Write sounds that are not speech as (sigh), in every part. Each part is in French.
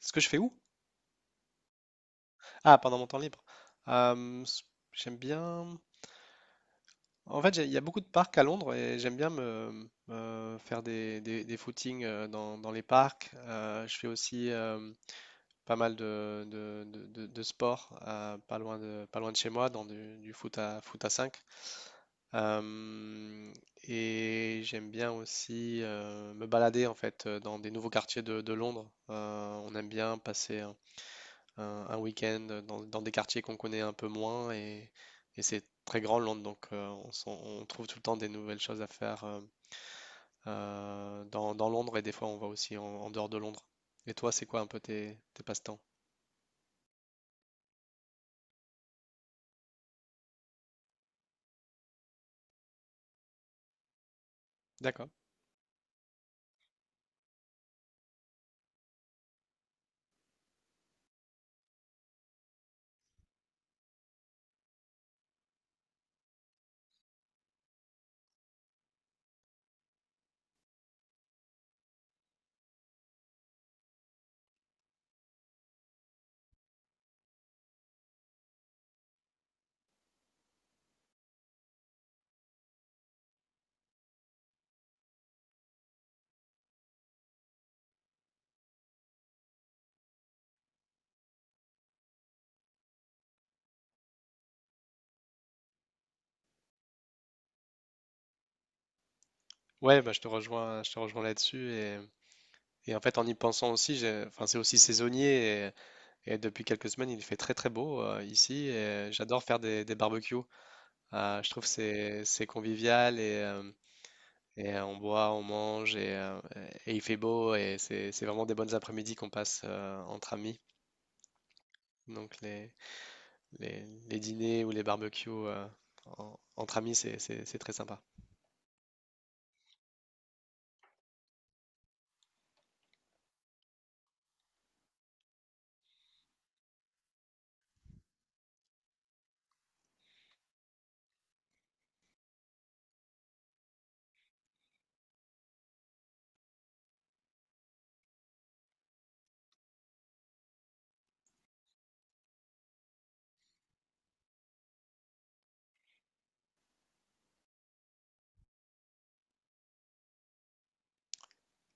Ce que je fais où? Ah, pendant mon temps libre. Euh, s- J'aime bien. En fait, il y a beaucoup de parcs à Londres et j'aime bien me faire des footings dans les parcs. Je fais aussi pas mal de sport pas loin pas loin de chez moi, dans du foot à 5. Euh, et j'aime bien aussi me balader en fait dans des nouveaux quartiers de Londres. On aime bien passer un week-end dans des quartiers qu'on connaît un peu moins et c'est très grand Londres, donc on trouve tout le temps des nouvelles choses à faire dans Londres et des fois on va aussi en, en dehors de Londres. Et toi, c'est quoi un peu tes passe-temps? D'accord. Ouais, bah, je te rejoins là-dessus et en fait en y pensant aussi, enfin c'est aussi saisonnier et depuis quelques semaines il fait très très beau ici et j'adore faire des barbecues. Je trouve que c'est convivial et on boit, on mange et il fait beau et c'est vraiment des bonnes après-midi qu'on passe entre amis. Donc les, les dîners ou les barbecues entre amis, c'est très sympa.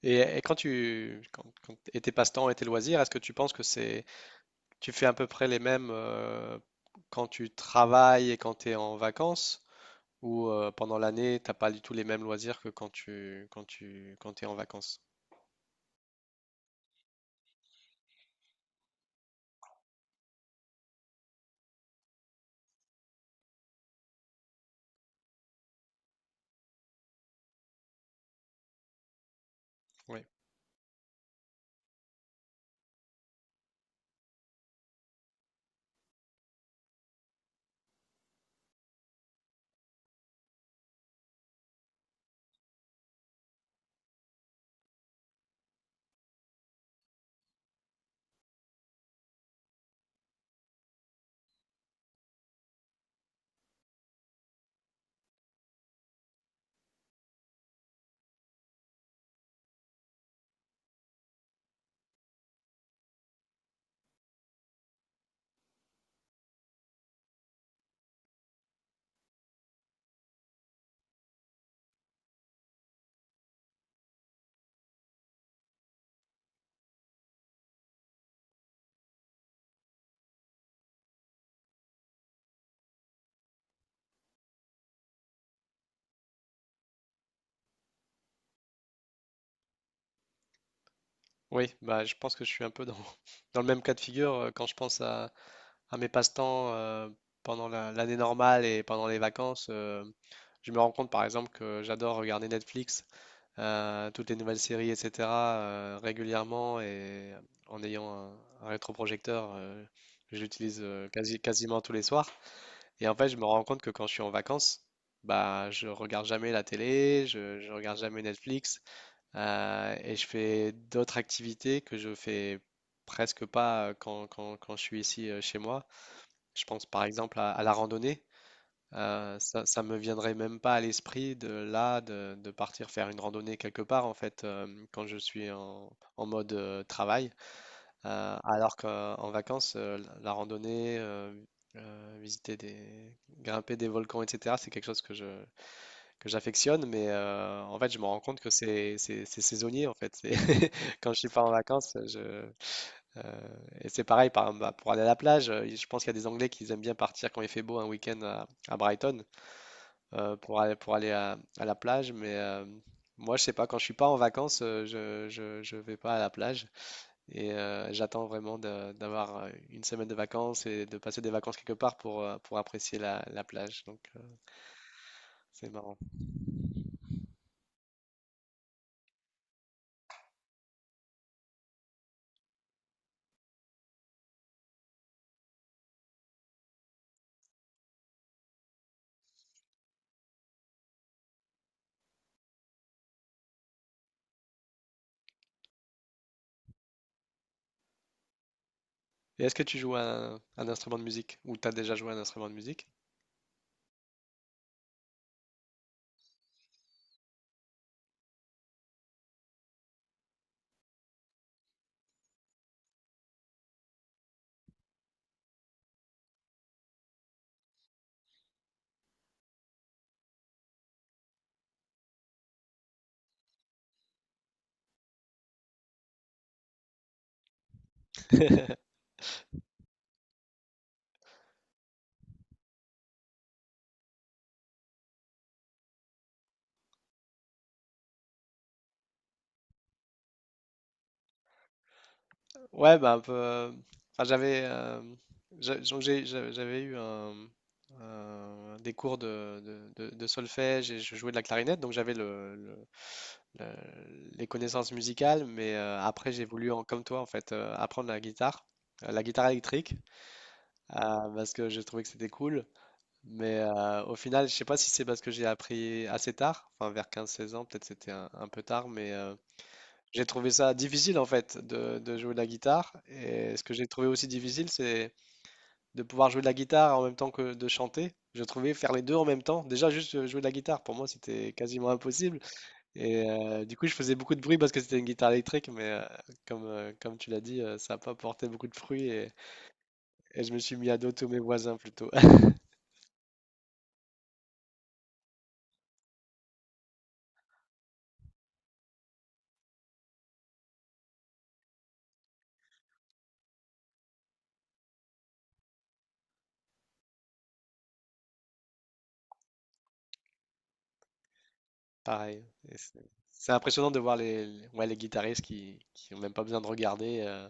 Et quand tu quand, quand- Et tes passe-temps et tes loisirs, est-ce que tu penses que c'est tu fais à peu près les mêmes quand tu travailles et quand tu es en vacances ou pendant l'année, t'as pas du tout les mêmes loisirs que quand tu es en vacances? Oui. Oui, bah, je pense que je suis un peu dans, (laughs) dans le même cas de figure quand je pense à mes passe-temps pendant l'année normale et pendant les vacances. Je me rends compte par exemple que j'adore regarder Netflix, toutes les nouvelles séries, etc. Régulièrement et en ayant un, un rétroprojecteur, je l'utilise quasiment tous les soirs. Et en fait, je me rends compte que quand je suis en vacances, bah, je regarde jamais la télé, je regarde jamais Netflix. Et je fais d'autres activités que je fais presque pas quand je suis ici chez moi. Je pense par exemple à la randonnée. Ça, ça me viendrait même pas à l'esprit de là de partir faire une randonnée quelque part en fait quand je suis en mode travail. Alors qu'en vacances, la randonnée, visiter des, grimper des volcans, etc. C'est quelque chose que j'affectionne, mais en fait, je me rends compte que c'est saisonnier, en fait. C'est- (laughs) Quand je suis pas en vacances, et c'est pareil, par exemple, bah, pour aller à la plage, je pense qu'il y a des Anglais qui aiment bien partir quand il fait beau un week-end à Brighton pour aller à la plage, mais moi, je sais pas, quand je suis pas en vacances, je vais pas à la plage et j'attends vraiment d'avoir une semaine de vacances et de passer des vacances quelque part pour apprécier la plage, donc c'est marrant. Et est-ce que tu joues un instrument de musique ou t'as déjà joué un instrument de musique? (laughs) Ouais, bah un peu. Enfin, j'avais j'a- donc j'ai- j'a- j'avais eu des cours de solfège et je jouais de la clarinette, donc j'avais les connaissances musicales, mais après j'ai voulu, comme toi en fait, apprendre la guitare électrique, euh, parce que j'ai trouvé que c'était cool. Mais au final, je sais pas si c'est parce que j'ai appris assez tard, enfin vers 15-16 ans, peut-être c'était un peu tard, mais j'ai trouvé ça difficile en fait de jouer de la guitare. Et ce que j'ai trouvé aussi difficile, c'est de pouvoir jouer de la guitare en même temps que de chanter. Je trouvais faire les deux en même temps. Déjà, juste jouer de la guitare, pour moi, c'était quasiment impossible. Et du coup, je faisais beaucoup de bruit parce que c'était une guitare électrique, mais comme, comme tu l'as dit, ça n'a pas porté beaucoup de fruits et je me suis mis à dos tous mes voisins plutôt. Pareil. Et C'est c'est impressionnant de voir ouais, les guitaristes qui ont même pas besoin de regarder.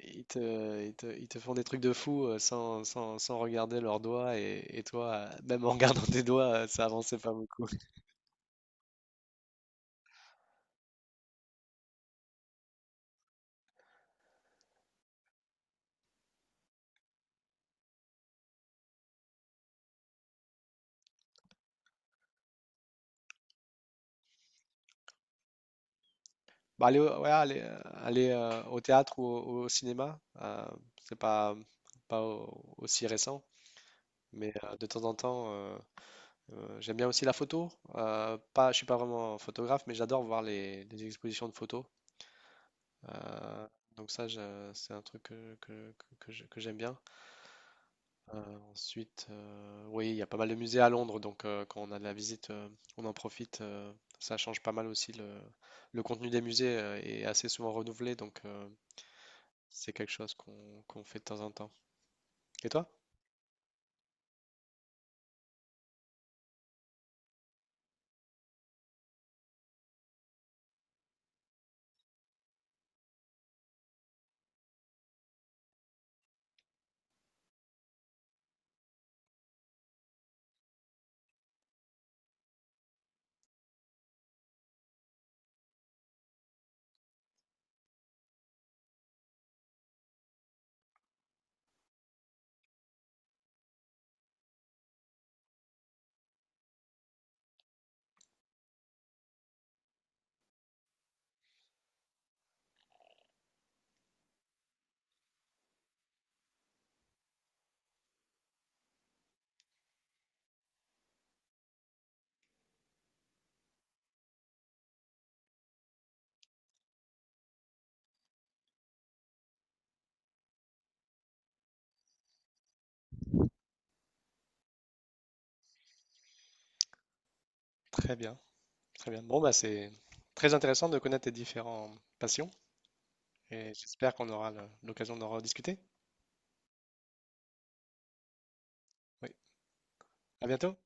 ils te, ils te font des trucs de fou sans regarder leurs doigts. Et toi, même en (laughs) regardant tes doigts, ça avançait pas beaucoup. Ouais, aller, aller, au théâtre ou au cinéma, c'est pas, aussi récent. Mais de temps en temps, j'aime bien aussi la photo. Pas, je suis pas vraiment photographe, mais j'adore voir les expositions de photos. Euh, donc ça, c'est un truc que j'aime bien. Ensuite, oui, il y a pas mal de musées à Londres, donc quand on a de la visite, on en profite. Ça change pas mal aussi. Le contenu des musées est assez souvent renouvelé, donc c'est quelque chose qu'on fait de temps en temps. Et toi? Très bien, très bien. Bon, bah, c'est très intéressant de connaître tes différentes passions et j'espère qu'on aura l'occasion d'en rediscuter. Oui, à bientôt.